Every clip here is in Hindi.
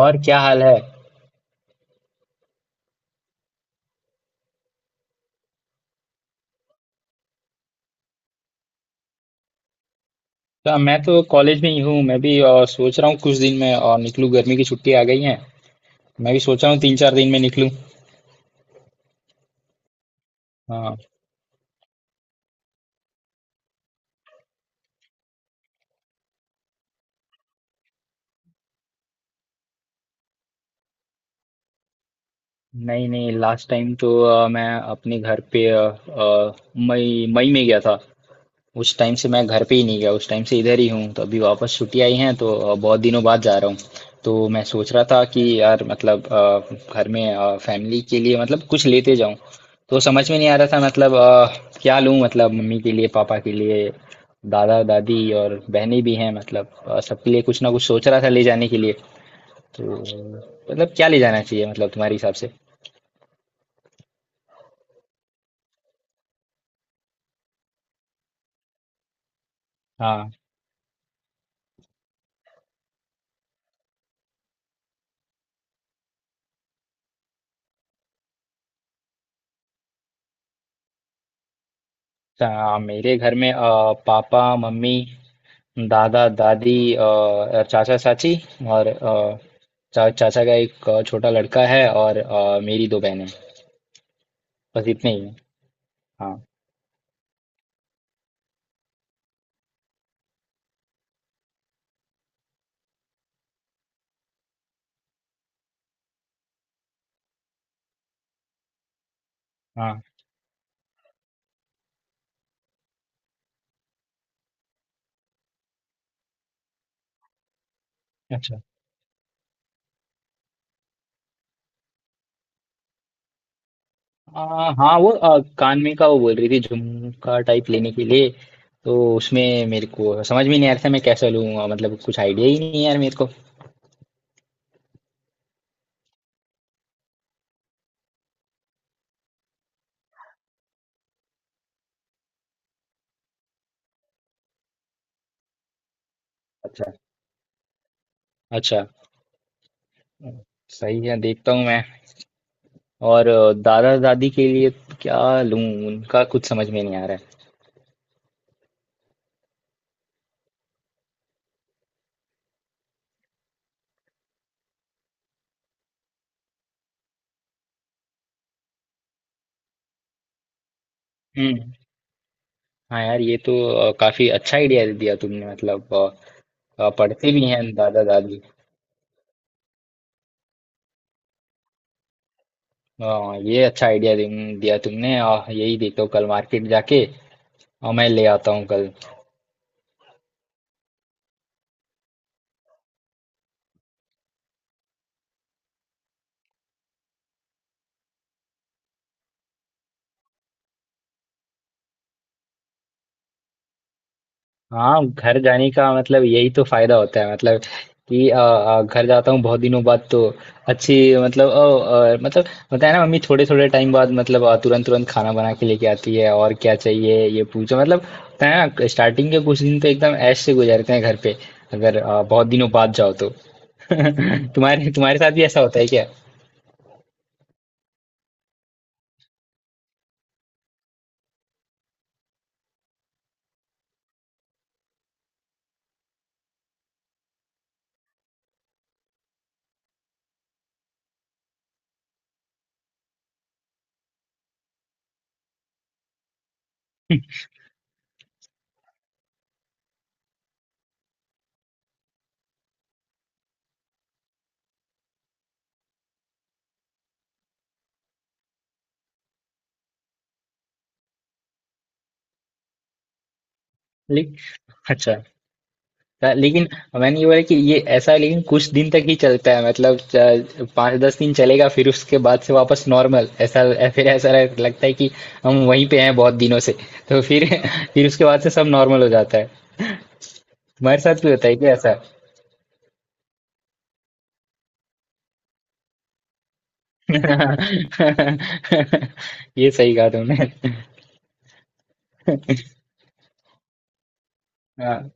और क्या हाल है? तो मैं तो कॉलेज में ही हूँ। मैं भी सोच रहा हूँ कुछ दिन में और निकलूँ, गर्मी की छुट्टी आ गई है। मैं भी सोच रहा हूँ तीन चार दिन में निकलूँ। हाँ। नहीं नहीं, लास्ट टाइम तो मैं अपने घर पे मई मई में गया था। उस टाइम से मैं घर पे ही नहीं गया, उस टाइम से इधर ही हूँ, तो अभी वापस छुट्टी आई हैं तो बहुत दिनों बाद जा रहा हूँ। तो मैं सोच रहा था कि यार, मतलब घर में फैमिली के लिए मतलब कुछ लेते जाऊं। तो समझ में नहीं आ रहा था मतलब क्या लूं, मतलब मम्मी के लिए, पापा के लिए, दादा दादी और बहनें भी हैं, मतलब सबके लिए कुछ ना कुछ सोच रहा था ले जाने के लिए। तो मतलब क्या ले जाना चाहिए, मतलब तुम्हारे हिसाब से? हाँ। मेरे घर में पापा मम्मी, दादा दादी, और चाचा चाची, और चाचा का एक छोटा लड़का है, और मेरी दो बहनें। बस इतने ही हैं। हाँ। हाँ। अच्छा। हाँ, वो कान में का वो बोल रही थी झुमका टाइप लेने के लिए। तो उसमें मेरे को समझ में नहीं आ रहा था मैं कैसा लूँगा, मतलब कुछ आइडिया ही नहीं है यार मेरे को। अच्छा। अच्छा। सही है, देखता हूँ मैं। और दादा दादी के लिए क्या लूँ? उनका कुछ समझ में नहीं आ रहा है। हम्म। हाँ यार, ये तो काफी अच्छा आइडिया दिया तुमने, मतलब पढ़ते भी हैं दादा दादी। अ, ये अच्छा आइडिया दिया तुमने, यही देखो कल मार्केट जाके मैं ले आता हूँ कल। हाँ, घर जाने का मतलब यही तो फायदा होता है, मतलब कि घर जाता हूँ बहुत दिनों बाद, तो अच्छी मतलब मतलब होता है ना, मम्मी थोड़े थोड़े टाइम बाद मतलब तुरंत तुरंत खाना बना के लेके आती है और क्या चाहिए ये पूछो, मतलब होता है ना, स्टार्टिंग के कुछ दिन तो एकदम ऐश से गुजरते हैं घर पे, अगर बहुत दिनों बाद जाओ तो। तुम्हारे तुम्हारे साथ भी ऐसा होता है क्या? लेकिन- अच्छा। लेकिन मैंने ये बोला कि ये ऐसा है, लेकिन कुछ दिन तक ही चलता है, मतलब पाँच दस दिन चलेगा फिर उसके बाद से वापस नॉर्मल, ऐसा फिर ऐसा लगता है कि हम वहीं पे हैं बहुत दिनों से। तो फिर फिर उसके बाद से सब नॉर्मल हो जाता है। तुम्हारे साथ भी होता है क्या ऐसा? ये सही कहा तुमने। हाँ।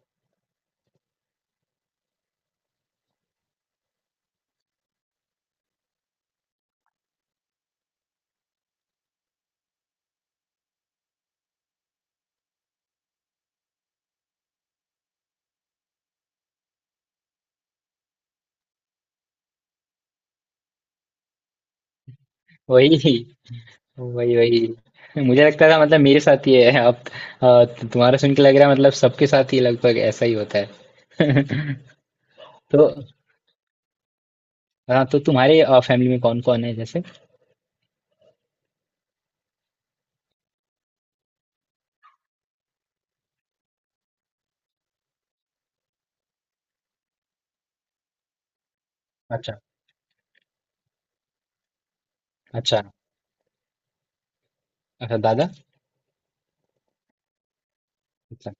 वही, वही, वही, मुझे लगता था मतलब मेरे साथ ही है अब, अ, तुम्हारा सुन के लग रहा है मतलब सबके साथ ही लगभग ऐसा ही होता है। तो हाँ, तो तुम्हारे फैमिली में कौन कौन है जैसे? अच्छा। अच्छा। अच्छा दादा। अच्छा।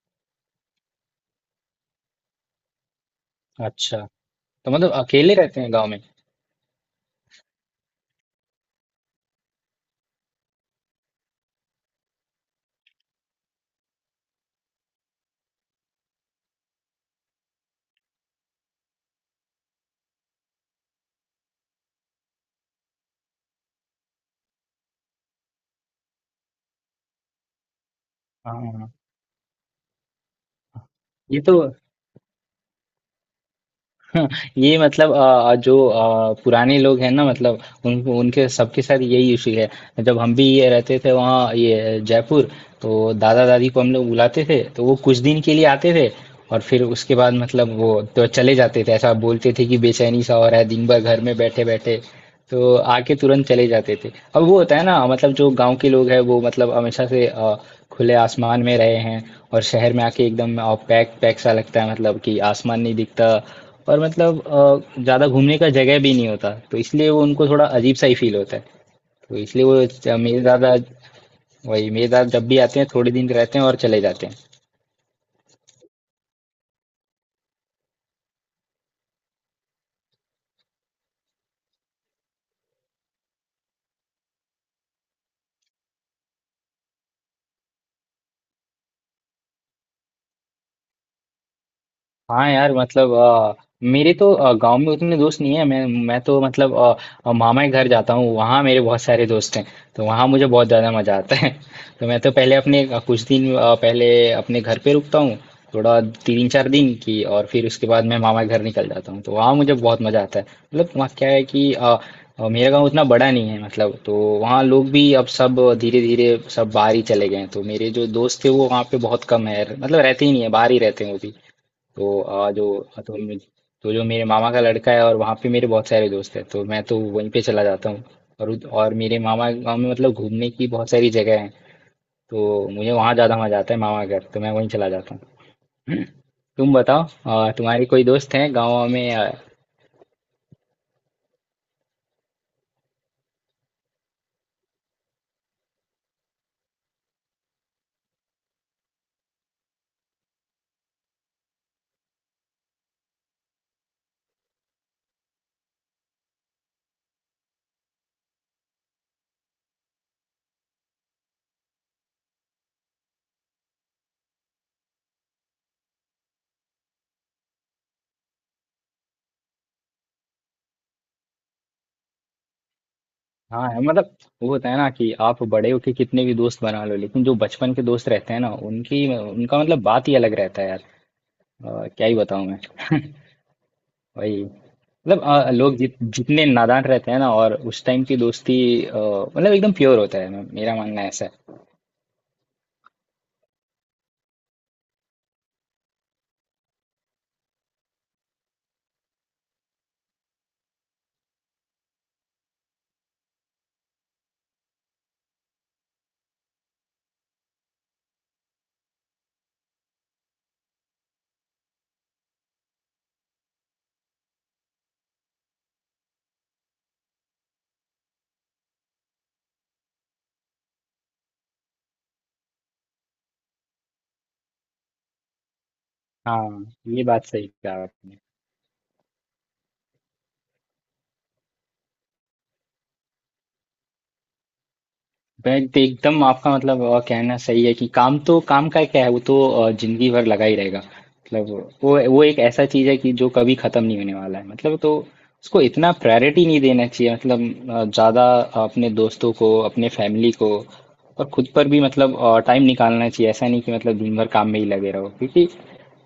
अच्छा। तो मतलब अकेले रहते हैं गाँव में? हाँ। हाँ, हाँ। ये तो हाँ, ये मतलब जो पुराने लोग हैं ना, मतलब उन उनके सबके साथ यही इशू है। जब हम भी ये रहते थे वहाँ, ये जयपुर, तो दादा दादी को हम लोग बुलाते थे तो वो कुछ दिन के लिए आते थे, और फिर उसके बाद मतलब वो तो चले जाते थे, ऐसा बोलते थे कि बेचैनी सा हो रहा है दिन भर घर में बैठे बैठे, तो आके तुरंत चले जाते थे। अब वो होता है ना, मतलब जो गांव के लोग हैं वो मतलब हमेशा से खुले आसमान में रहे हैं, और शहर में आके एकदम पैक पैक सा लगता है, मतलब कि आसमान नहीं दिखता, और मतलब ज़्यादा घूमने का जगह भी नहीं होता, तो इसलिए वो उनको थोड़ा अजीब सा ही फील होता है। तो इसलिए वो मेरे दादा, वही मेरे दादा जब भी आते हैं थोड़े दिन रहते हैं और चले जाते हैं। हाँ यार, मतलब मेरे तो गांव में उतने दोस्त नहीं है, मैं तो मतलब मामा के घर जाता हूँ, वहाँ मेरे बहुत सारे दोस्त हैं, तो वहाँ मुझे बहुत ज़्यादा मज़ा आता है। तो मैं तो पहले अपने कुछ दिन पहले अपने घर पे रुकता हूँ थोड़ा तीन चार दिन की, और फिर उसके बाद मैं मामा के घर निकल जाता हूँ तो वहाँ मुझे बहुत मज़ा आता है। मतलब वहाँ क्या है कि मेरा गांव उतना बड़ा नहीं है मतलब, तो वहाँ लोग भी अब सब धीरे धीरे सब बाहर ही चले गए हैं, तो मेरे जो दोस्त थे वो वहाँ पे बहुत कम है, मतलब रहते ही नहीं है बाहर ही रहते हैं वो भी। तो आ जो हाँ, तो मुझे, तो जो मेरे मामा का लड़का है और वहाँ पे मेरे बहुत सारे दोस्त हैं तो मैं तो वहीं पे चला जाता हूँ। और और मेरे मामा के गाँव में मतलब घूमने की बहुत सारी जगह है, तो मुझे वहाँ ज़्यादा मज़ा आता है, मामा घर तो मैं वहीं चला जाता हूँ। तुम बताओ, तुम्हारे कोई दोस्त हैं गाँव में हाँ है, मतलब वो होता है ना कि आप बड़े होके कितने भी दोस्त बना लो लेकिन जो बचपन के दोस्त रहते हैं ना उनकी उनका मतलब बात ही अलग रहता है यार। क्या ही बताऊँ मैं। वही मतलब लोग जितने नादान रहते हैं ना, और उस टाइम की दोस्ती मतलब एकदम प्योर होता है, मेरा मानना ऐसा है। हाँ, ये बात सही कहा आपने। बट एकदम आपका मतलब कहना सही है कि काम तो काम का क्या है, वो तो जिंदगी भर लगा ही रहेगा, मतलब वो एक ऐसा चीज है कि जो कभी खत्म नहीं होने वाला है, मतलब तो उसको इतना प्रायोरिटी नहीं देना चाहिए, मतलब ज्यादा, अपने दोस्तों को अपने फैमिली को और खुद पर भी मतलब टाइम निकालना चाहिए, ऐसा नहीं कि मतलब दिन भर काम में ही लगे रहो, क्योंकि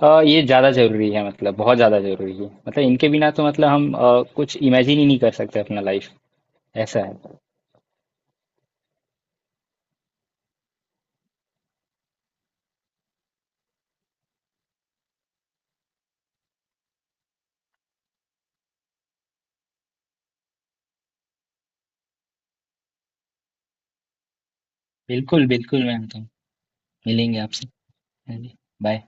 ये ज्यादा जरूरी है, मतलब बहुत ज्यादा जरूरी है, मतलब इनके बिना तो मतलब हम कुछ इमेजिन ही नहीं कर सकते अपना लाइफ, ऐसा है। बिल्कुल बिल्कुल मैम, तो मिलेंगे आपसे। है नहीं। बाय।